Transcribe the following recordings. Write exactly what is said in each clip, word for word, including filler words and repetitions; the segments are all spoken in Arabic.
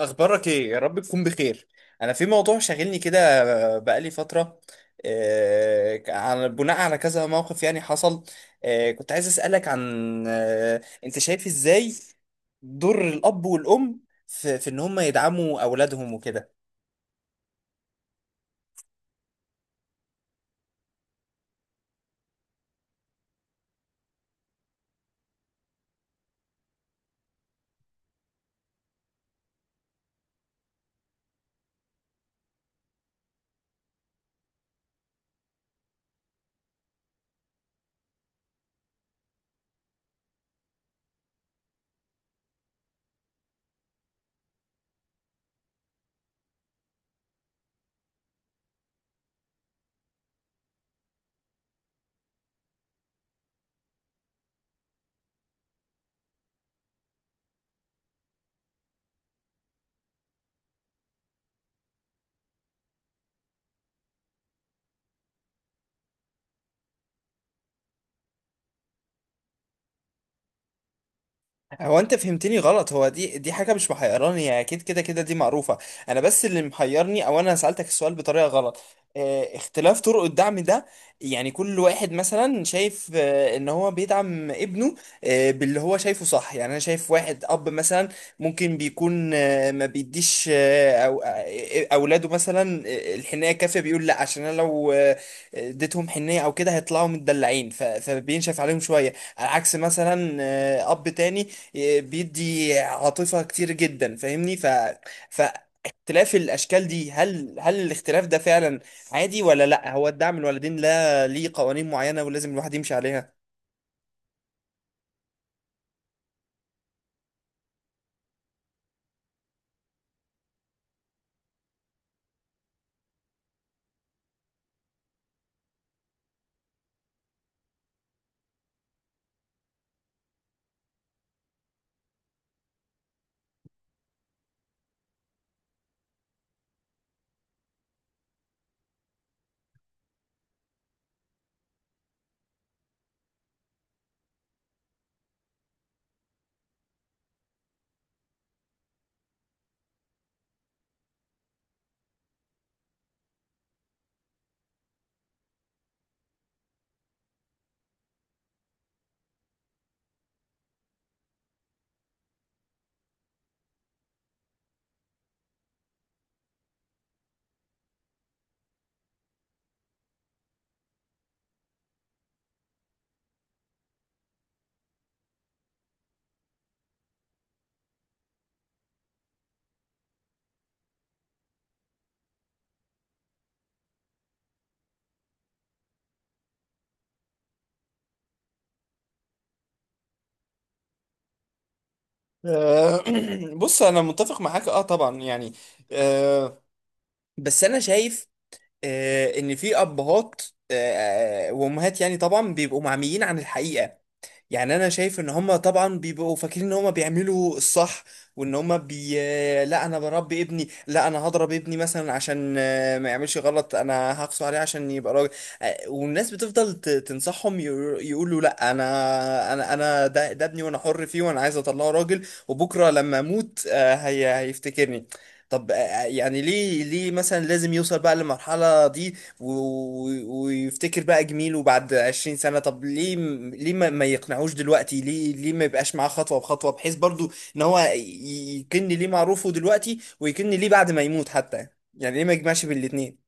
اخبارك ايه يا رب تكون بخير. انا في موضوع شاغلني كده، بقالي فتره. آه، على بناء على كذا موقف يعني حصل. آه، كنت عايز اسالك عن آه، انت شايف ازاي دور الاب والام في في ان هم يدعموا اولادهم وكده. هو انت فهمتني غلط، هو دي دي حاجه مش محيراني، هي اكيد كده كده دي معروفه. انا بس اللي محيرني، او انا سالتك السؤال بطريقه غلط. اه اختلاف طرق الدعم ده، يعني كل واحد مثلا شايف اه ان هو بيدعم ابنه اه باللي هو شايفه صح. يعني انا شايف واحد اب مثلا ممكن بيكون اه ما بيديش اه او اه آه، اولاده مثلا اه الحنيه الكافيه، بيقول لا، عشان انا لو اه اديتهم حنيه او كده هيطلعوا متدلعين، ف- فبينشف عليهم شويه. على عكس مثلا اه اب تاني بيدي عاطفة كتير جدا، فاهمني. ف فاختلاف الأشكال دي، هل هل الاختلاف ده فعلا عادي ولا لأ؟ هو الدعم الوالدين لا ليه قوانين معينة ولازم الواحد يمشي عليها؟ آه، بص أنا متفق معاك، أه طبعا يعني. آه، بس أنا شايف آه، إن في أبهات آه، وأمهات، يعني طبعا بيبقوا معميين عن الحقيقة. يعني انا شايف ان هم طبعا بيبقوا فاكرين ان هم بيعملوا الصح، وان هم بي لا انا بربي ابني، لا انا هضرب ابني مثلا عشان آه، ما يعملش غلط، انا هقسو عليه عشان يبقى راجل. آه، والناس بتفضل ت- تنصحهم، يقو- يقولوا لا، انا انا انا ده, ده ابني وانا حر فيه وانا عايز اطلعه راجل، وبكره لما اموت آه، هي هيفتكرني. طب آه، يعني ليه ليه مثلا لازم يوصل بقى للمرحلة دي و- و- ويفتكر بقى جميله بعد عشرين سنة؟ طب ليه م- ليه ما ما يقنعوش دلوقتي؟ ليه ليه ما يبقاش معاه خطوة بخطوة، بحيث برضو ان هو ي- يكن ليه معروفه دلوقتي ويكن ليه بعد ما يموت حتى؟ يعني ليه ما يجمعش بين الاتنين؟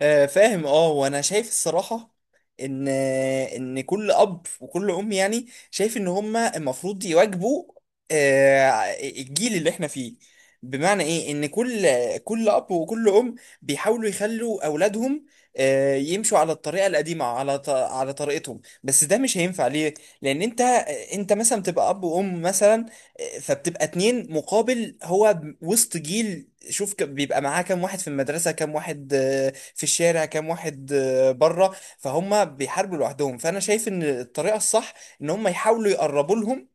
آه، فاهم. اه وانا شايف الصراحه ان ان كل اب وكل ام يعني شايف ان هما المفروض يواجبوا آه، الجيل اللي احنا فيه. بمعنى ايه؟ ان كل كل اب وكل ام بيحاولوا يخلوا اولادهم آه، يمشوا على الطريقه القديمه، على ط- على طريقتهم، بس ده مش هينفع ليه؟ لان انت انت مثلا بتبقى اب وام مثلا، آه، فبتبقى اتنين، مقابل هو وسط جيل، شوف ك- بيبقى معاه كام واحد في المدرسه، كام واحد في الشارع، كام واحد آه، بره، فهم بيحاربوا لوحدهم. فانا شايف ان الطريقه الصح ان هم يحاولوا يقربوا لهم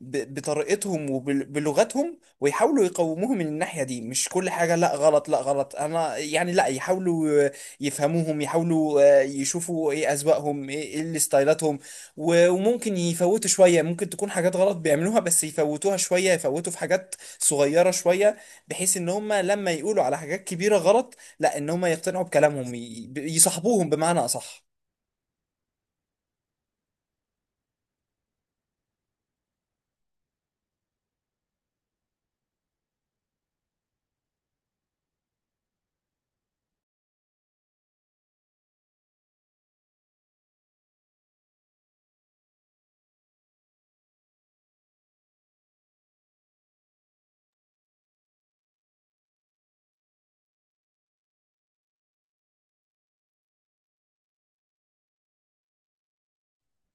ب- بطريقتهم وبلغتهم، ويحاولوا يقوموهم من الناحية دي، مش كل حاجة لا غلط لا غلط. انا يعني، لا، يحاولوا آه، يفهموهم، يحاولوا آه، يشوفوا ايه اذواقهم، ايه إيه اللي ستايلاتهم، و- وممكن يفوتوا شوية، ممكن تكون حاجات غلط بيعملوها بس يفوتوها شوية، يفوتوا في حاجات صغيرة شوية، بحيث ان هم لما يقولوا على حاجات كبيرة غلط، لا، ان هم يقتنعوا بكلامهم، ي- يصاحبوهم بمعنى اصح.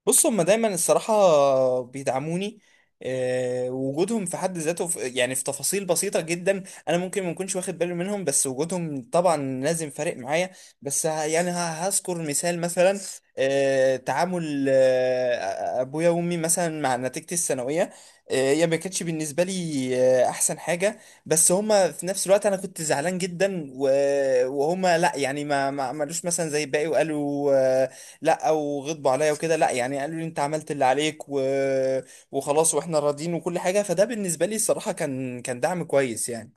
بص هما دايما الصراحة بيدعموني. آه، وجودهم في حد ذاته، في يعني في تفاصيل بسيطة جدا أنا ممكن ما أكونش واخد بالي منهم، بس وجودهم طبعا لازم فارق معايا. بس ه- يعني ه- هذكر مثال مثلا. آه، تعامل آه، أبويا وأمي مثلا مع نتيجتي الثانوية، آه، هي ما كانتش بالنسبة لي آه، أحسن حاجة، بس هما في نفس الوقت، أنا كنت زعلان جدا و- وهما لأ، يعني ما ما عملوش مثلا زي الباقي وقالوا آه، لا، او غضبوا عليا وكده، لا، يعني قالوا لي انت عملت اللي عليك و... وخلاص، واحنا راضيين، وكل حاجه. فده بالنسبه لي الصراحه كان كان دعم كويس يعني.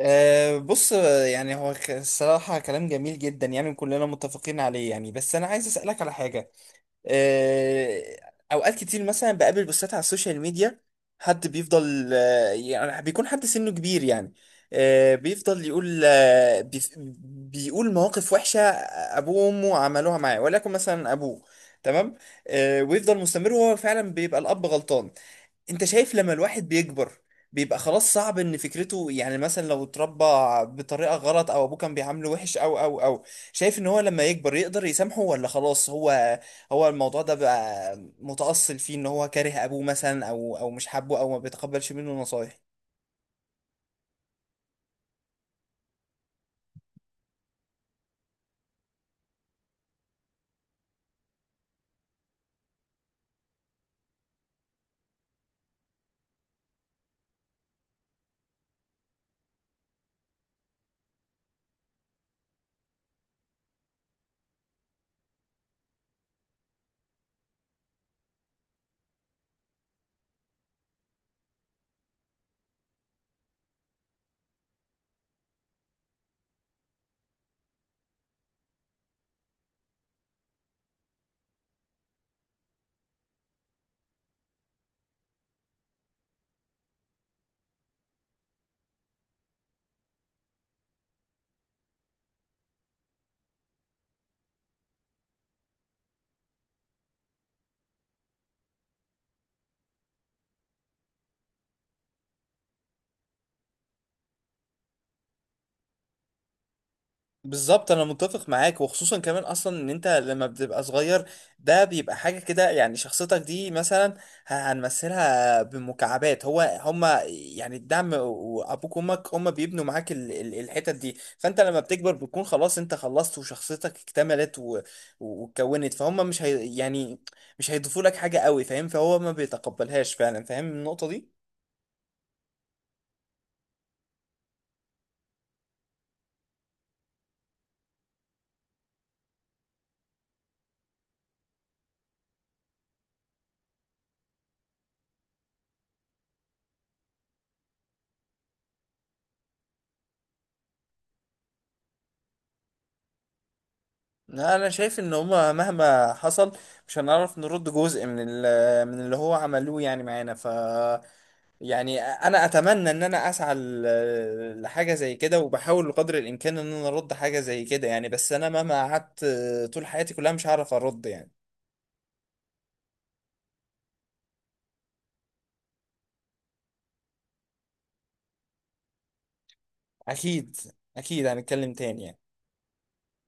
أه بص آه، يعني هو، ك- الصراحه كلام جميل جدا يعني كلنا متفقين عليه يعني. بس انا عايز اسالك على حاجه، آه، اوقات كتير مثلا بقابل بوستات على السوشيال ميديا، حد بيفضل آه، يعني بيكون حد سنه كبير يعني آه، بيفضل يقول آه، بيف- بيقول مواقف وحشة آه، ابوه وامه عملوها معاه، ولكن مثلا ابوه تمام آه، ويفضل مستمر، وهو فعلا بيبقى الاب غلطان. انت شايف لما الواحد بيكبر بيبقى خلاص صعب ان فكرته، يعني مثلا لو اتربى بطريقة غلط او ابوه كان بيعامله وحش او او او، شايف ان هو لما يكبر يقدر يسامحه، ولا خلاص هو، هو الموضوع ده بقى متأصل فيه ان هو كاره ابوه مثلا او او مش حابه او ما بيتقبلش منه نصايح؟ بالظبط انا متفق معاك، وخصوصا كمان اصلا ان انت لما بتبقى صغير ده بيبقى حاجه كده، يعني شخصيتك دي مثلا ه- هنمثلها بمكعبات، هو هما يعني الدعم وابوك وامك هما بيبنوا معاك ال- ال- الحتت دي، فانت لما بتكبر بتكون خلاص، انت خلصت وشخصيتك اكتملت و- واتكونت، فهم مش هي يعني مش هيضيفوا لك حاجه قوي، فاهم؟ فهو ما بيتقبلهاش فعلا، فاهم النقطه دي؟ لا، انا شايف ان هما مهما حصل مش هنعرف نرد جزء من ال- آه، من اللي هو عملوه يعني معانا، ف يعني انا اتمنى ان انا اسعى ل- آه، لحاجه زي كده، وبحاول بقدر الامكان ان انا ارد حاجه زي كده يعني، بس انا مهما قعدت طول حياتي كلها مش هعرف ارد يعني. اكيد، اكيد هنتكلم تاني يعني.